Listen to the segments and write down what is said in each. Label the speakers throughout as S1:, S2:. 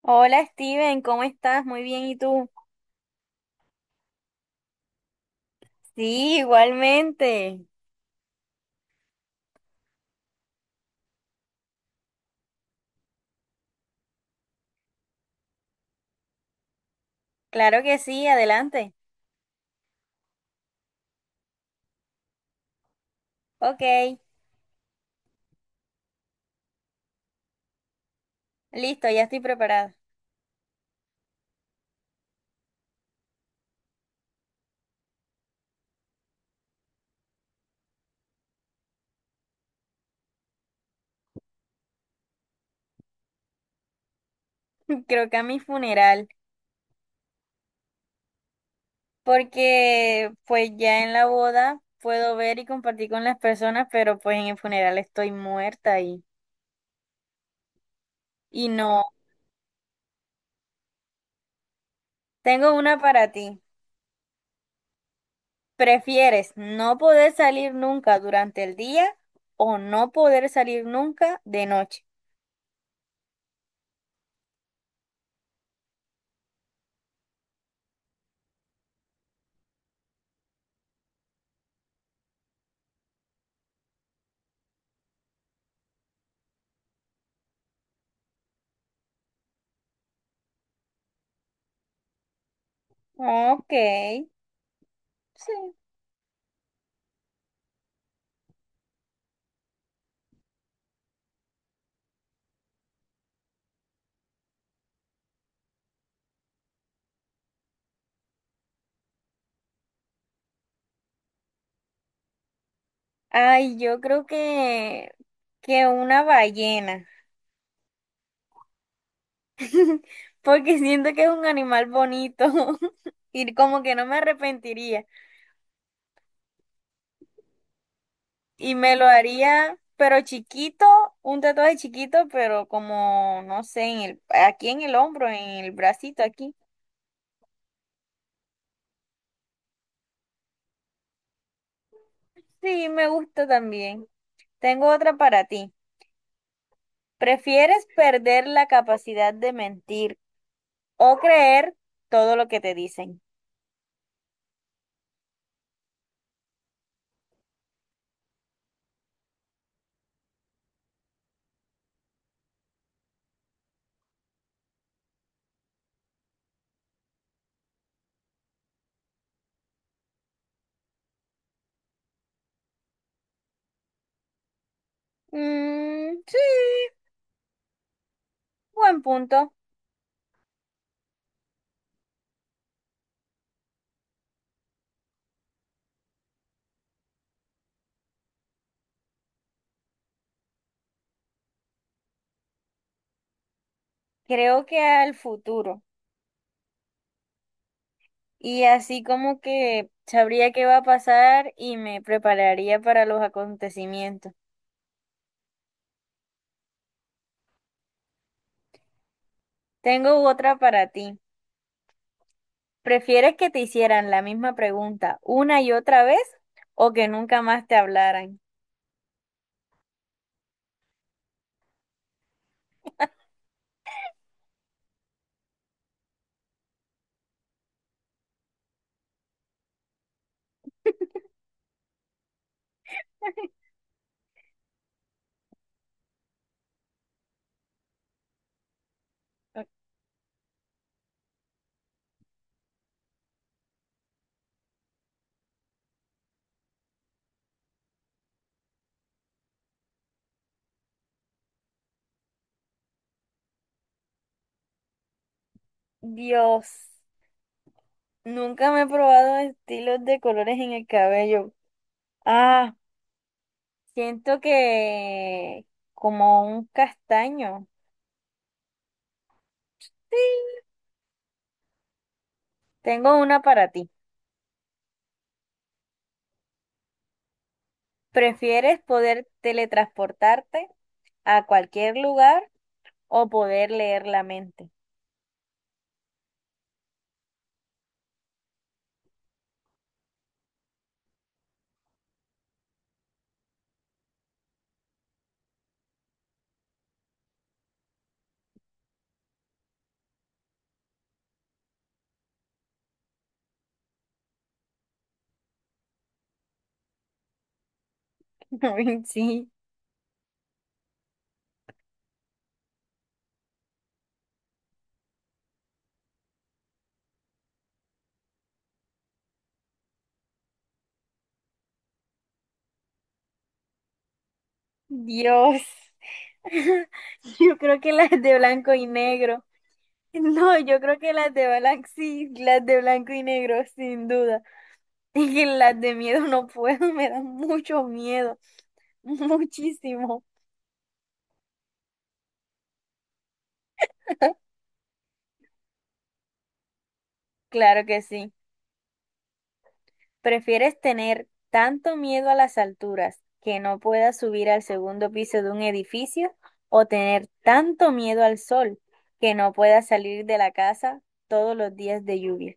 S1: Hola Steven, ¿cómo estás? Muy bien, ¿y tú? Sí, igualmente. Claro que sí, adelante. Ok, listo, ya estoy preparada. Creo que a mi funeral, porque pues ya en la boda puedo ver y compartir con las personas, pero pues en el funeral estoy muerta y no. Tengo una para ti. ¿Prefieres no poder salir nunca durante el día o no poder salir nunca de noche? Ok, sí. Ay, yo creo que una ballena, porque siento que es un animal bonito y como que no me arrepentiría. Y me lo haría, pero chiquito, un tatuaje chiquito, pero como, no sé, aquí en el hombro, en el bracito, aquí. Sí, me gusta también. Tengo otra para ti. ¿Prefieres perder la capacidad de mentir o creer todo lo que te dicen? Mm, sí, buen punto. Creo que al futuro. Y así como que sabría qué va a pasar y me prepararía para los acontecimientos. Tengo otra para ti. ¿Prefieres que te hicieran la misma pregunta una y otra vez o que nunca más te hablaran? Dios, nunca me he probado estilos de colores en el cabello. Ah, siento que como un castaño. Sí, tengo una para ti. ¿Prefieres poder teletransportarte a cualquier lugar o poder leer la mente? Ay, sí. Dios. Yo creo que las de blanco y negro. No, yo creo que las de blanco, sí, las de blanco y negro, sin duda. Y que las de miedo no puedo, me dan mucho miedo, muchísimo. Claro que sí. ¿Prefieres tener tanto miedo a las alturas que no puedas subir al segundo piso de un edificio o tener tanto miedo al sol que no puedas salir de la casa todos los días de lluvia?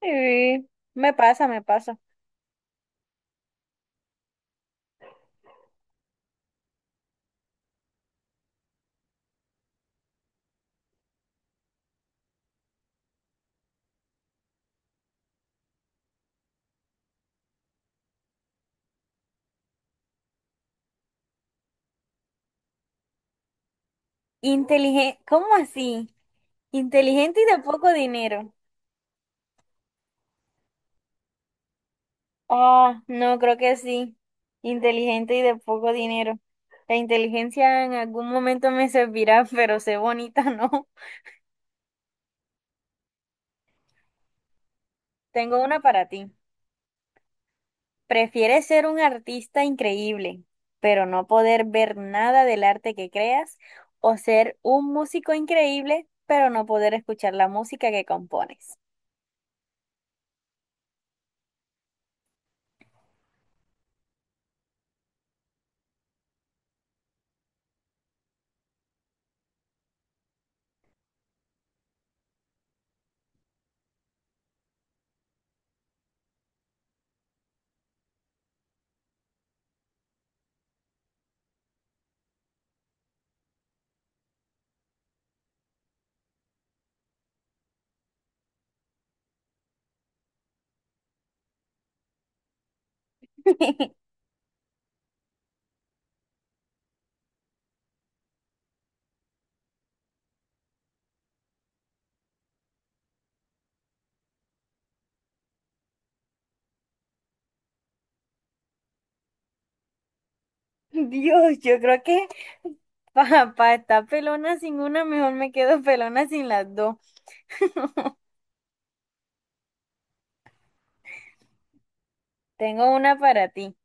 S1: Sí, me pasa, me pasa. Inteligente, ¿cómo así? Inteligente y de poco dinero. Ah, no, creo que sí. Inteligente y de poco dinero. La inteligencia en algún momento me servirá, pero sé bonita, ¿no? Tengo una para ti. ¿Prefieres ser un artista increíble, pero no poder ver nada del arte que creas, o ser un músico increíble, pero no poder escuchar la música que compones? Dios, yo creo que para estar pelona sin una, mejor me quedo pelona sin las dos. Tengo una para ti.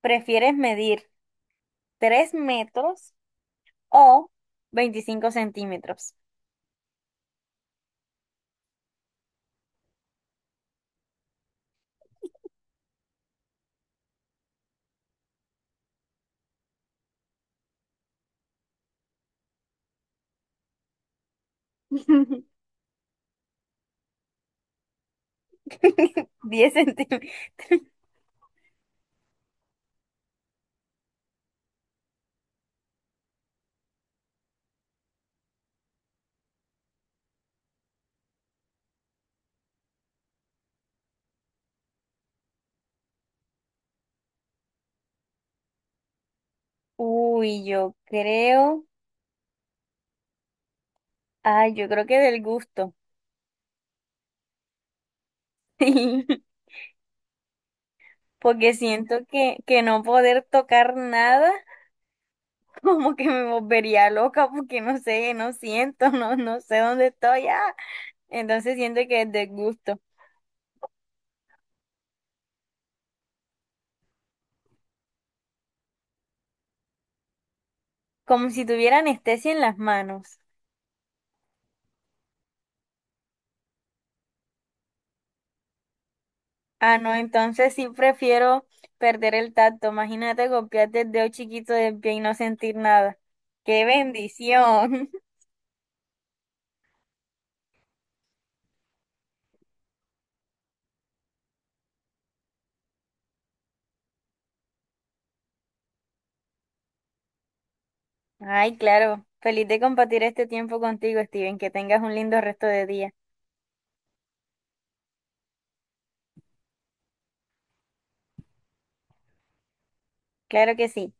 S1: ¿Prefieres medir 3 metros o 25 centímetros? 10 centímetros. Uy, yo creo. Ay, yo creo que del gusto, porque siento que no poder tocar nada, como que me volvería loca, porque no sé, no siento, no, no sé dónde estoy. Ah. Entonces siento que es del gusto, como si tuviera anestesia en las manos. Ah, no, entonces sí prefiero perder el tacto. Imagínate golpearte el dedo chiquito del pie y no sentir nada. ¡Qué bendición! Ay, claro, feliz de compartir este tiempo contigo, Steven, que tengas un lindo resto de día. Claro que sí.